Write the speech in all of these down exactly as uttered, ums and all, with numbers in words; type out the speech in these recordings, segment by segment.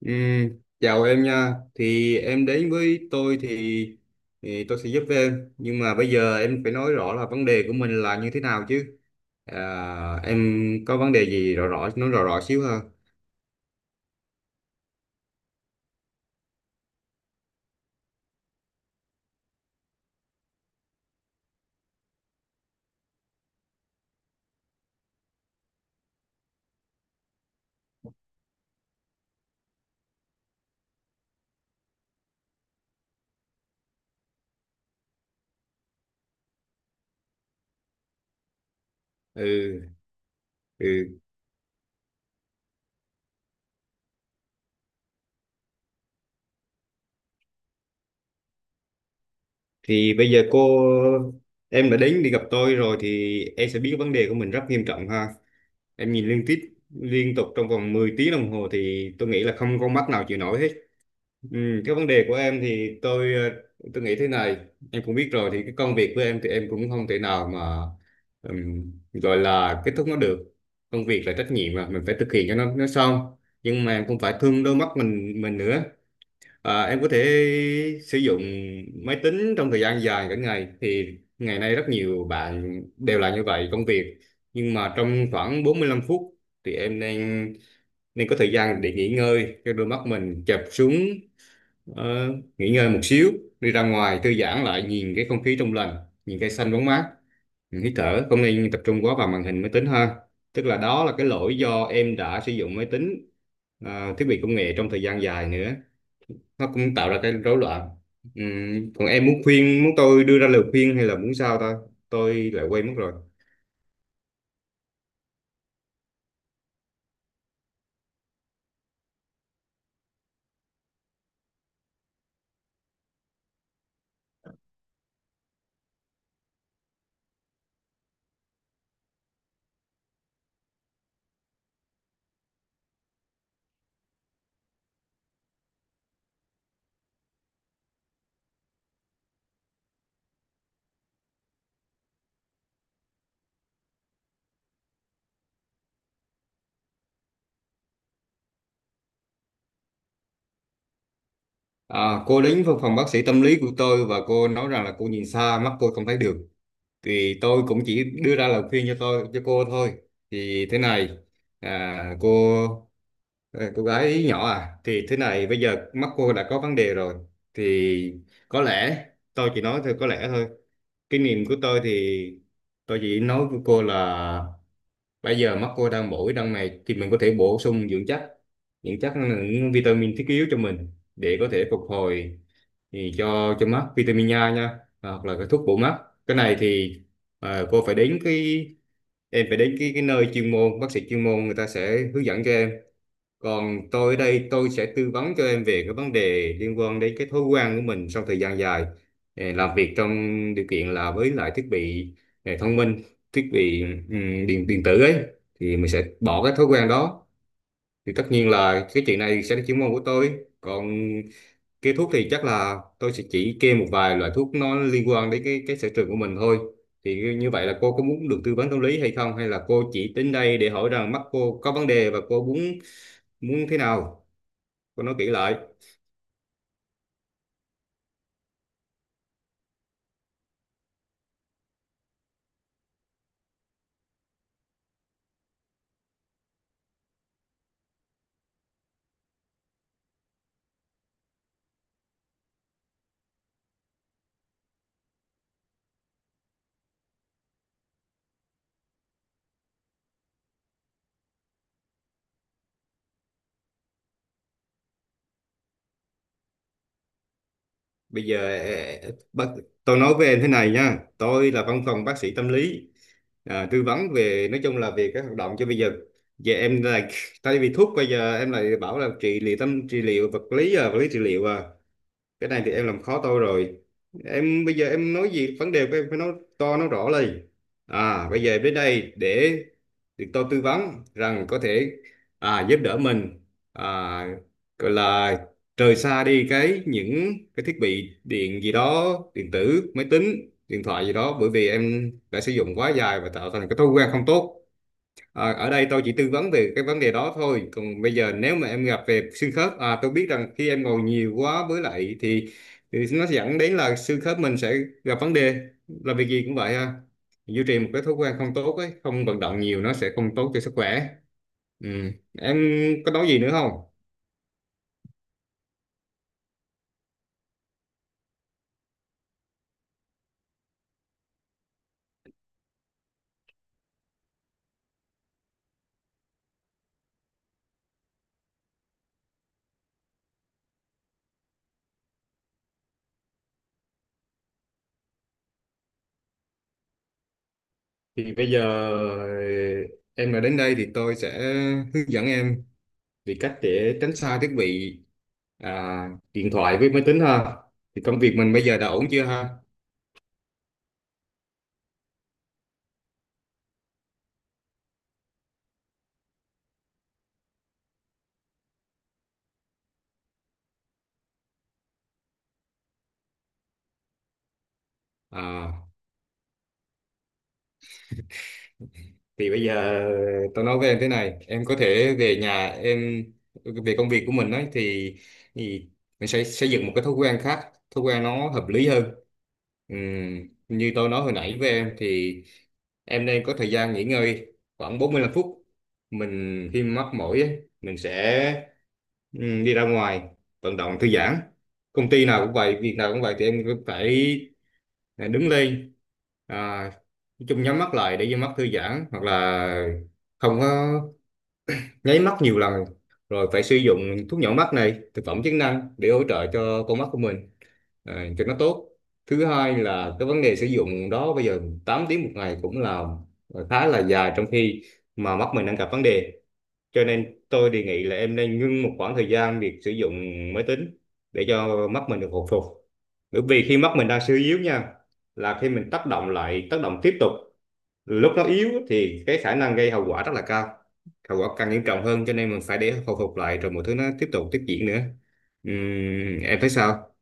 Ừm, Chào em nha. Thì em đến với tôi thì, thì tôi sẽ giúp em. Nhưng mà bây giờ em phải nói rõ là vấn đề của mình là như thế nào chứ. À, em có vấn đề gì rõ rõ nói rõ rõ xíu ha. Ừ, ừ. Thì bây giờ cô em đã đến đi gặp tôi rồi thì em sẽ biết vấn đề của mình rất nghiêm trọng ha. Em nhìn liên tiếp liên tục trong vòng mười tiếng đồng hồ thì tôi nghĩ là không con mắt nào chịu nổi hết. Ừ, cái vấn đề của em thì tôi ờ, tôi nghĩ thế này, em cũng biết rồi thì cái công việc của em thì em cũng không thể nào mà ừm, gọi là kết thúc nó được. Công việc là trách nhiệm mà mình phải thực hiện cho nó nó xong, nhưng mà em cũng phải thương đôi mắt mình mình nữa. À, em có thể sử dụng máy tính trong thời gian dài cả ngày thì ngày nay rất nhiều bạn đều là như vậy, công việc, nhưng mà trong khoảng bốn mươi lăm phút thì em nên nên có thời gian để nghỉ ngơi cho đôi mắt mình chập xuống. ờ, Nghỉ ngơi một xíu, đi ra ngoài thư giãn lại, nhìn cái không khí trong lành, nhìn cây xanh bóng mát, mình hít thở, không nên tập trung quá vào màn hình máy tính ha. Tức là đó là cái lỗi do em đã sử dụng máy tính, à, thiết bị công nghệ trong thời gian dài nữa, nó cũng tạo ra cái rối loạn. Ừm, còn em muốn khuyên muốn tôi đưa ra lời khuyên hay là muốn sao ta, tôi lại quên mất rồi. À, cô đến văn phòng bác sĩ tâm lý của tôi và cô nói rằng là cô nhìn xa mắt cô không thấy được, thì tôi cũng chỉ đưa ra lời khuyên cho tôi cho cô thôi. Thì thế này, à, cô à, cô gái nhỏ à, thì thế này, bây giờ mắt cô đã có vấn đề rồi, thì có lẽ, tôi chỉ nói thôi, có lẽ thôi, kinh nghiệm của tôi thì tôi chỉ nói với cô là bây giờ mắt cô đang bổ đang này thì mình có thể bổ sung dưỡng chất. Dưỡng chất là những vitamin thiết yếu cho mình để có thể phục hồi, thì cho cho mắt vitamin A nha, à, hoặc là cái thuốc bổ mắt. Cái này thì, à, cô phải đến cái em phải đến cái cái nơi chuyên môn, bác sĩ chuyên môn người ta sẽ hướng dẫn cho em. Còn tôi ở đây tôi sẽ tư vấn cho em về cái vấn đề liên quan đến cái thói quen của mình sau thời gian dài eh, làm việc trong điều kiện là với lại thiết bị eh, thông minh, thiết bị ừm, điện điện tử ấy, thì mình sẽ bỏ cái thói quen đó. Thì tất nhiên là cái chuyện này sẽ là chuyên môn của tôi. Còn cái thuốc thì chắc là tôi sẽ chỉ kê một vài loại thuốc nó liên quan đến cái cái sở trường của mình thôi. Thì như vậy là cô có muốn được tư vấn tâm lý hay không, hay là cô chỉ đến đây để hỏi rằng mắt cô có vấn đề và cô muốn muốn thế nào? Tôi nói kỹ lại. Bây giờ ờ, bác, tôi nói với em thế này nha. Tôi là văn phòng bác sĩ tâm lý. À, tư vấn về nói chung là về các hoạt động cho bây giờ. Giờ em lại, tại vì thuốc bây giờ em lại bảo là trị liệu tâm, trị liệu vật lý, à, vật lý trị liệu à. Cái này thì em làm khó tôi rồi. Em bây giờ em nói gì vấn đề của em phải nói to nói rõ lên. À, bây giờ em đến đây để được tôi tư vấn rằng có thể à, giúp đỡ mình, à, gọi là rời xa đi cái những cái thiết bị điện gì đó, điện tử, máy tính, điện thoại gì đó, bởi vì em đã sử dụng quá dài và tạo thành cái thói quen không tốt. Ờ, ở đây tôi chỉ tư vấn về cái vấn đề đó thôi. Còn bây giờ nếu mà em gặp về xương khớp, à, tôi biết rằng khi em ngồi nhiều quá với lại thì, thì nó sẽ dẫn đến là xương khớp mình sẽ gặp vấn đề. Là việc gì cũng vậy ha. Duy trì một cái thói quen không tốt ấy, không vận động nhiều, nó sẽ không tốt cho sức khỏe. Ừ. Em có nói gì nữa không? Thì bây giờ em đã đến đây thì tôi sẽ hướng dẫn em về cách để tránh xa thiết bị, à, điện thoại với máy tính ha. Thì công việc mình bây giờ đã ổn chưa ha? À, thì bây giờ tao nói với em thế này, em có thể về nhà em, về công việc của mình ấy thì, thì mình sẽ xây dựng một cái thói quen khác, thói quen nó hợp lý hơn. Ừm, như tôi nói hồi nãy với em thì em nên có thời gian nghỉ ngơi khoảng bốn mươi lăm phút. Mình khi mắc mỏi ấy, mình sẽ ừm, đi ra ngoài vận động thư giãn. Công ty nào cũng vậy, việc nào cũng vậy, thì em phải, này, đứng lên, à, nói chung nhắm mắt lại để cho mắt thư giãn, hoặc là không có, nháy mắt nhiều lần, rồi phải sử dụng thuốc nhỏ mắt này, thực phẩm chức năng để hỗ trợ cho con mắt của mình, à, cho nó tốt. Thứ hai là cái vấn đề sử dụng đó, bây giờ tám tiếng một ngày cũng là khá là dài, trong khi mà mắt mình đang gặp vấn đề, cho nên tôi đề nghị là em nên ngưng một khoảng thời gian việc sử dụng máy tính để cho mắt mình được hồi phục. Bởi vì khi mắt mình đang suy yếu nha, là khi mình tác động lại, tác động tiếp tục lúc nó yếu thì cái khả năng gây hậu quả rất là cao, hậu quả càng nghiêm trọng hơn, cho nên mình phải để hồi phục lại rồi mọi thứ nó tiếp tục tiếp diễn nữa. Ừm, em thấy sao?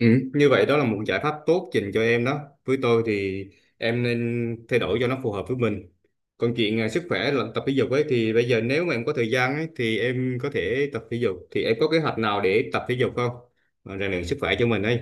Ừ, như vậy đó là một giải pháp tốt dành cho em đó. Với tôi thì em nên thay đổi cho nó phù hợp với mình. Còn chuyện à, sức khỏe là tập thể dục ấy, thì bây giờ nếu mà em có thời gian ấy thì em có thể tập thể dục. Thì em có kế hoạch nào để tập thể dục không? Mà rèn luyện sức khỏe cho mình ấy.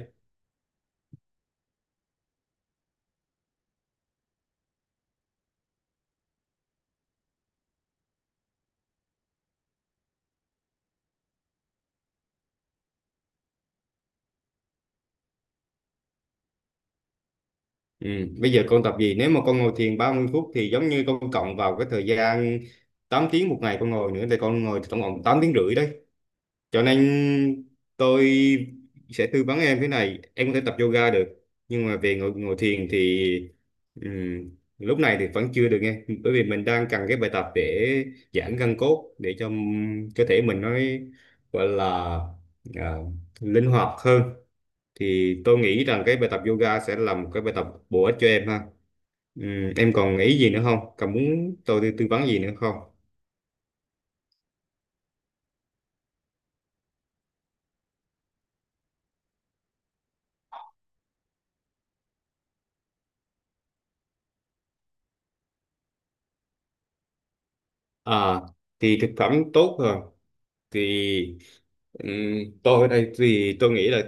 Ừ. Bây giờ con tập gì? Nếu mà con ngồi thiền ba mươi phút thì giống như con cộng vào cái thời gian tám tiếng một ngày con ngồi nữa, thì con ngồi tổng cộng tám tiếng rưỡi đấy. Cho nên tôi sẽ tư vấn em thế này, em có thể tập yoga được, nhưng mà về ngồi ngồi thiền thì ừm, lúc này thì vẫn chưa được nghe, bởi vì mình đang cần cái bài tập để giãn gân cốt, để cho ừm, cơ thể mình nó gọi là à, linh hoạt hơn. Thì tôi nghĩ rằng cái bài tập yoga sẽ là một cái bài tập bổ ích cho em ha. Ừm, em còn ý gì nữa không? Còn muốn tôi tư tư vấn gì nữa không? À, thì thực phẩm tốt rồi. Thì ừm, tôi ở đây thì tôi nghĩ là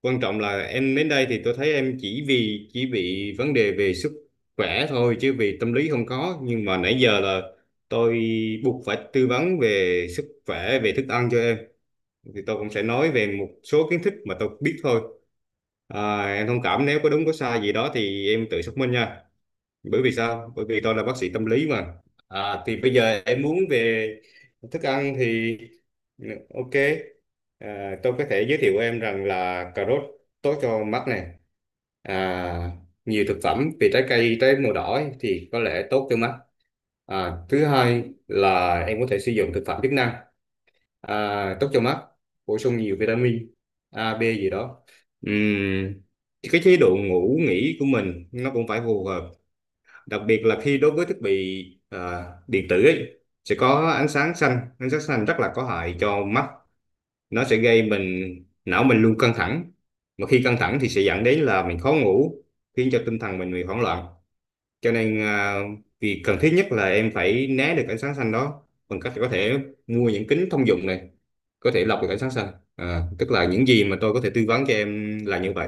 quan trọng là em đến đây thì tôi thấy em chỉ vì chỉ bị vấn đề về sức khỏe thôi chứ vì tâm lý không có, nhưng mà nãy giờ là tôi buộc phải tư vấn về sức khỏe, về thức ăn cho em, thì tôi cũng sẽ nói về một số kiến thức mà tôi biết thôi. À, em thông cảm nếu có đúng có sai gì đó thì em tự xác minh nha. Bởi vì sao? Bởi vì tôi là bác sĩ tâm lý mà. À, thì bây giờ em muốn về thức ăn thì ok, à, tôi có thể giới thiệu em rằng là cà rốt tốt cho mắt này, à, nhiều thực phẩm về trái cây, trái màu đỏ ấy, thì có lẽ tốt cho mắt. À, thứ hai là em có thể sử dụng thực phẩm chức năng à, tốt cho mắt, bổ sung nhiều vitamin A B gì đó. Ừm, cái chế độ ngủ nghỉ của mình nó cũng phải phù hợp, đặc biệt là khi đối với thiết bị à, điện tử ấy, sẽ có ánh sáng xanh, ánh sáng xanh rất là có hại cho mắt, nó sẽ gây mình, não mình luôn căng thẳng, mà khi căng thẳng thì sẽ dẫn đến là mình khó ngủ, khiến cho tinh thần mình bị hoảng loạn, cho nên à, việc cần thiết nhất là em phải né được ánh sáng xanh đó, bằng cách có thể mua những kính thông dụng này có thể lọc được ánh sáng xanh. À, tức là những gì mà tôi có thể tư vấn cho em là như vậy.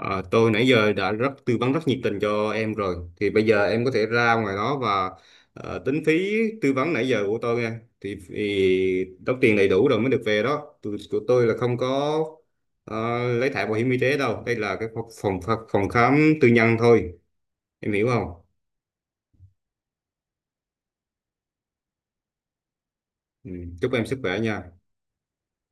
Ờ, tôi nãy giờ đã rất tư vấn rất nhiệt tình cho em rồi, thì bây giờ em có thể ra ngoài đó và ờ, tính phí tư vấn nãy giờ của tôi nha, thì, thì đóng tiền đầy đủ rồi mới được về đó. Tôi, của tôi là không có ờ, lấy thẻ bảo hiểm y tế đâu, đây là cái phòng phòng phòng khám tư nhân thôi, em hiểu không? Ừ. Chúc em sức khỏe nha.